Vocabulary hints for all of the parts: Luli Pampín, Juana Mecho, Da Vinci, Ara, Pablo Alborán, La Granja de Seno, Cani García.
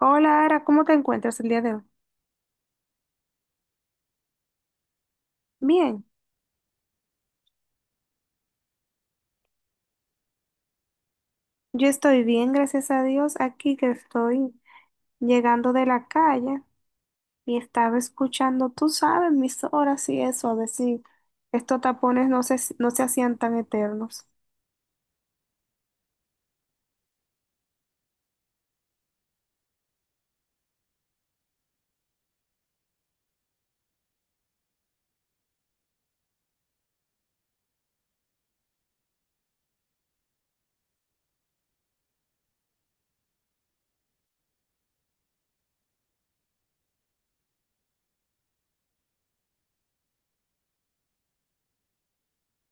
Hola, Ara, ¿cómo te encuentras el día de hoy? Bien, yo estoy bien, gracias a Dios, aquí que estoy llegando de la calle y estaba escuchando, tú sabes, mis horas y eso, a ver si estos tapones no se hacían tan eternos.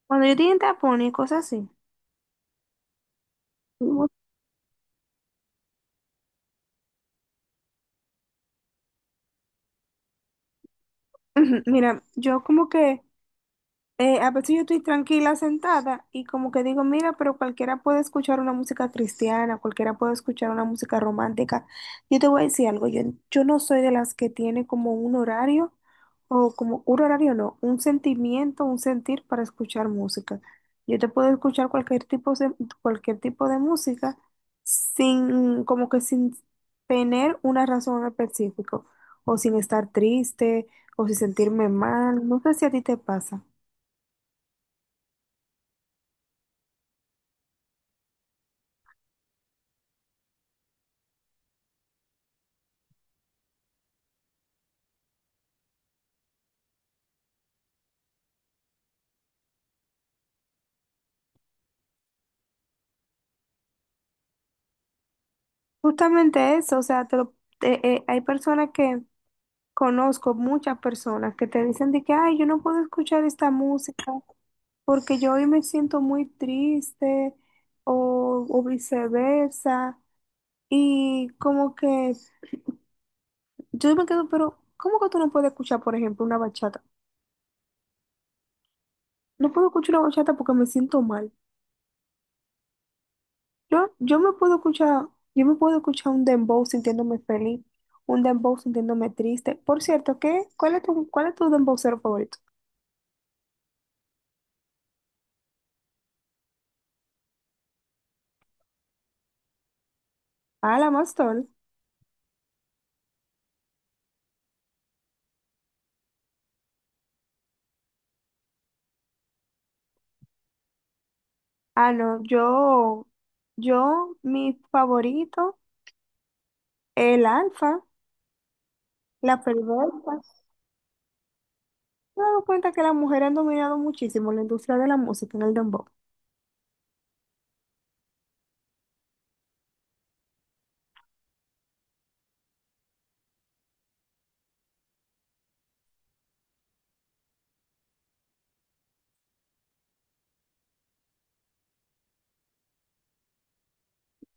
Cuando yo tenía tapones y cosas así, como- mira, yo como que a veces yo estoy tranquila sentada y como que digo, mira, pero cualquiera puede escuchar una música cristiana, cualquiera puede escuchar una música romántica. Yo te voy a decir algo, yo no soy de las que tiene como un horario o como un horario no, un sentimiento, un sentir para escuchar música. Yo te puedo escuchar cualquier tipo de música sin, como que sin tener una razón específica o sin estar triste o sin sentirme mal. No sé si a ti te pasa. Justamente eso, o sea, hay personas que conozco, muchas personas que te dicen de que, ay, yo no puedo escuchar esta música porque yo hoy me siento muy triste o viceversa. Y como que yo me quedo, pero ¿cómo que tú no puedes escuchar, por ejemplo, una bachata? No puedo escuchar una bachata porque me siento mal. Yo me puedo escuchar, yo me puedo escuchar un dembow sintiéndome feliz un dembow sintiéndome triste. Por cierto, ¿qué? ¿Cuál es cuál es tu dembow favorito? Ah, la Mastol. Ah, no, yo, mi favorito, el alfa, la perversa. Me he dado cuenta que las mujeres han dominado muchísimo la industria de la música en el dembow.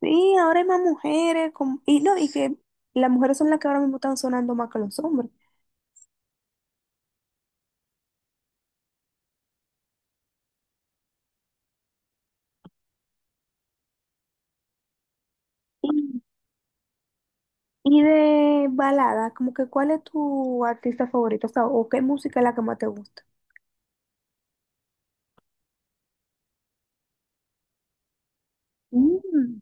Sí, ahora hay más mujeres, con- y no, y que las mujeres son las que ahora mismo están sonando más que los hombres. Y, y de balada, como que ¿cuál es tu artista favorito? O sea, o qué música es la que más te gusta. Mm,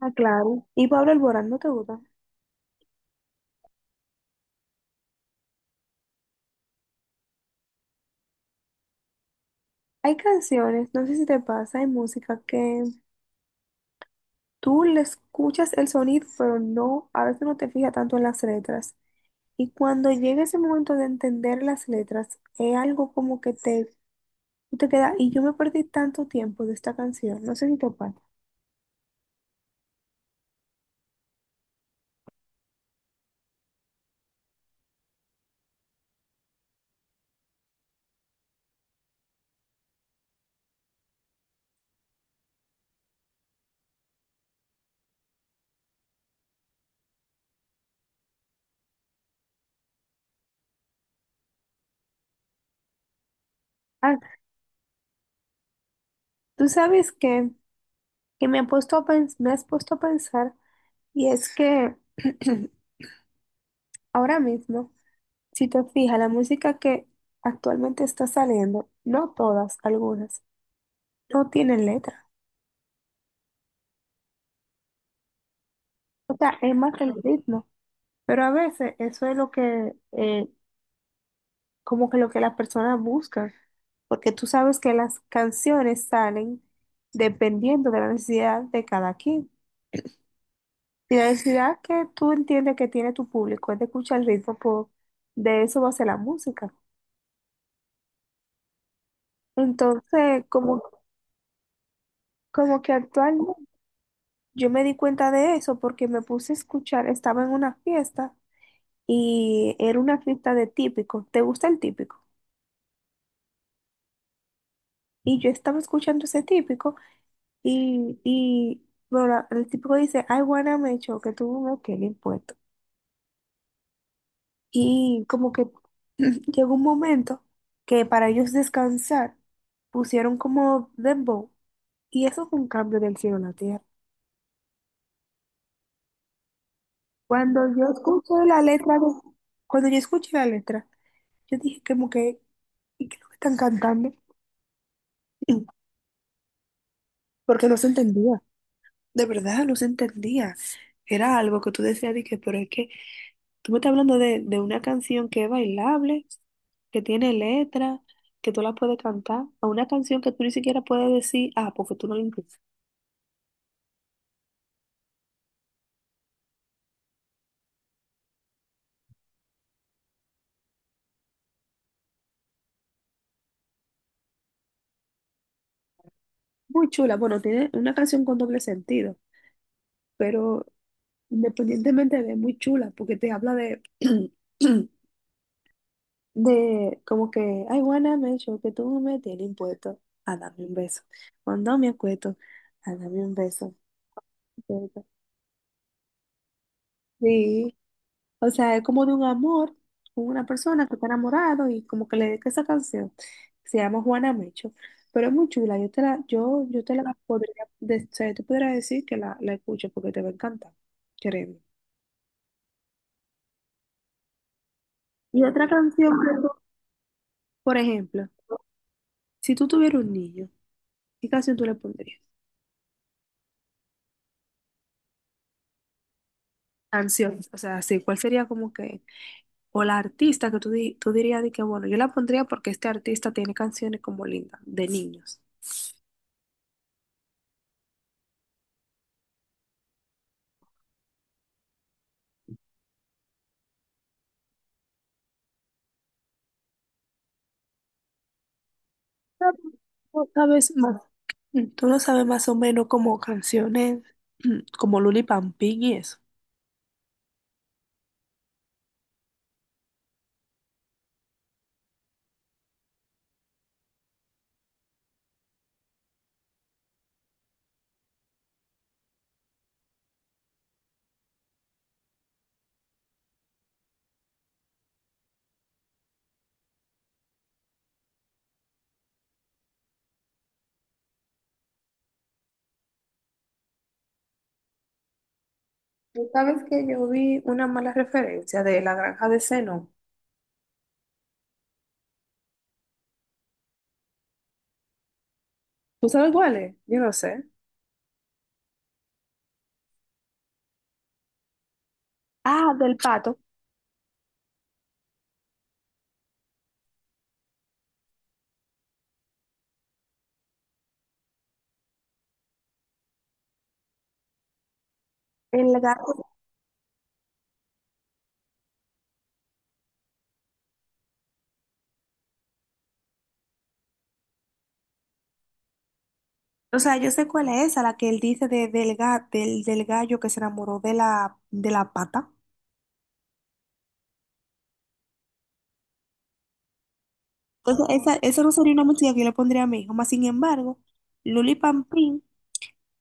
ah, claro. Y Pablo Alborán, ¿no te gusta? Hay canciones, no sé si te pasa, hay música que tú le escuchas el sonido, pero no, a veces no te fijas tanto en las letras. Y cuando llega ese momento de entender las letras, es algo como que tú te queda, y yo me perdí tanto tiempo de esta canción, no sé si te pasa. Ah, tú sabes que me has puesto a pensar, y es que ahora mismo, si te fijas, la música que actualmente está saliendo, no todas, algunas, no tienen letra. O sea, es más el ritmo. Pero a veces eso es lo que, como que lo que las personas buscan, porque tú sabes que las canciones salen dependiendo de la necesidad de cada quien. Y la necesidad que tú entiendes que tiene tu público es de escuchar el ritmo, pues, de eso va a ser la música. Entonces, como que actualmente yo me di cuenta de eso porque me puse a escuchar, estaba en una fiesta y era una fiesta de típico. ¿Te gusta el típico? Y yo estaba escuchando ese típico. Y bueno, el tipo dice, I wanna make sure que tú no el impuesto. Y como que llegó un momento que para ellos descansar pusieron como dembow. Y eso fue un cambio del cielo a la tierra. Cuando yo escuché la letra, de- cuando yo escuché la letra, yo dije como que, ¿y qué es lo que están cantando? Porque no se entendía, de verdad, no se entendía. Era algo que tú decías, dije, pero es que tú me estás hablando de una canción que es bailable, que tiene letra, que tú la puedes cantar, a una canción que tú ni siquiera puedes decir, ah, porque tú no la entiendes. Muy chula, bueno, tiene una canción con doble sentido, pero independientemente de muy chula, porque te habla de, de como que, ay, wanna make sure que tú me tienes impuesto a darme un beso. Cuando me acuesto, a darme un beso. Sí, o sea, es como de un amor con una persona que está enamorado y como que le dedica esa canción. Se llama Juana Mecho. Pero es muy chula. Yo te la, yo te la podría, o sea, yo te podría decir que la escuches porque te va a encantar. Créeme. Y otra canción, que tú- por ejemplo, si tú tuvieras un niño, ¿qué canción tú le pondrías? Canción, o sea, sí, ¿cuál sería como que, o la artista que tú dirías de que, bueno, yo la pondría porque este artista tiene canciones como lindas, de niños. Sabes, mm, tú no sabes más o menos como canciones mm, como Luli Pampín y eso. Tú sabes que yo vi una mala referencia de La Granja de Seno. ¿Tú sabes cuál es? Yo no sé. Ah, del pato. El gato. O sea, yo sé cuál es esa, la que él dice de, del, ga- del, del gallo que se enamoró de de la pata. Entonces, esa no sería una música que yo le pondría a mi hijo. Más sin embargo, Luli Pampín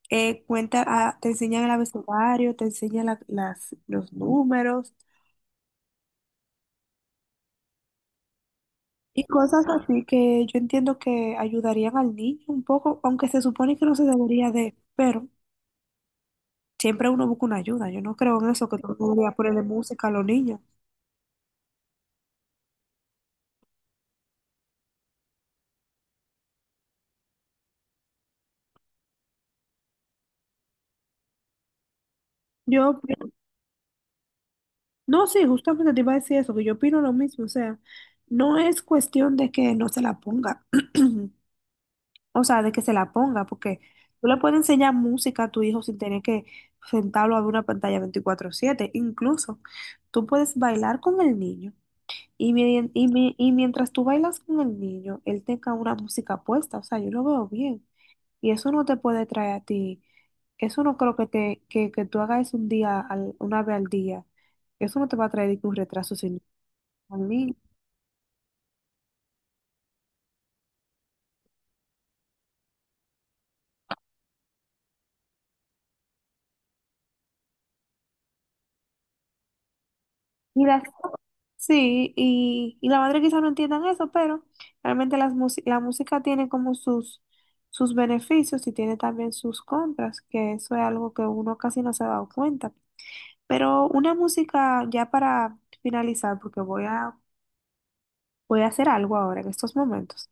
cuenta, ah, te enseña el abecedario, te enseña los números, y cosas así que yo entiendo que ayudarían al niño un poco, aunque se supone que no se debería de, pero siempre uno busca una ayuda. Yo no creo en eso que tú deberías ponerle música a los niños. Yo, opi- no, sí, justamente te iba a decir eso, que yo opino lo mismo. O sea, no es cuestión de que no se la ponga, o sea, de que se la ponga, porque tú le puedes enseñar música a tu hijo sin tener que sentarlo a ver una pantalla 24/7. Incluso tú puedes bailar con el niño. Y mientras tú bailas con el niño, él tenga una música puesta, o sea, yo lo veo bien. Y eso no te puede traer a ti, eso no creo que tú hagas un día, una vez al día. Eso no te va a traer ningún retraso sin mí. Y las, sí, y la madre quizá no entiendan eso, pero realmente la música tiene como sus beneficios y tiene también sus contras, que eso es algo que uno casi no se ha dado cuenta. Pero una música ya para finalizar, porque voy a hacer algo ahora en estos momentos.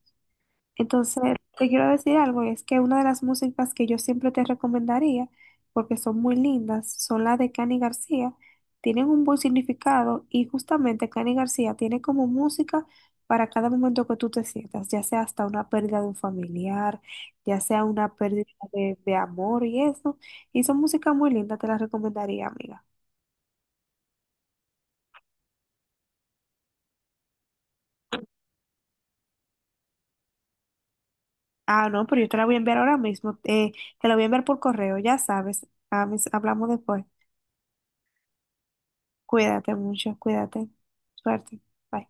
Entonces, te quiero decir algo, es que una de las músicas que yo siempre te recomendaría, porque son muy lindas, son las de Cani García, tienen un buen significado y justamente Cani García tiene como música para cada momento que tú te sientas, ya sea hasta una pérdida de un familiar, ya sea una pérdida de amor y eso. Y son música muy linda, te la recomendaría, amiga. Ah, no, pero yo te la voy a enviar ahora mismo. Te la voy a enviar por correo, ya sabes. Ah, hablamos después. Cuídate mucho, cuídate. Suerte. Bye.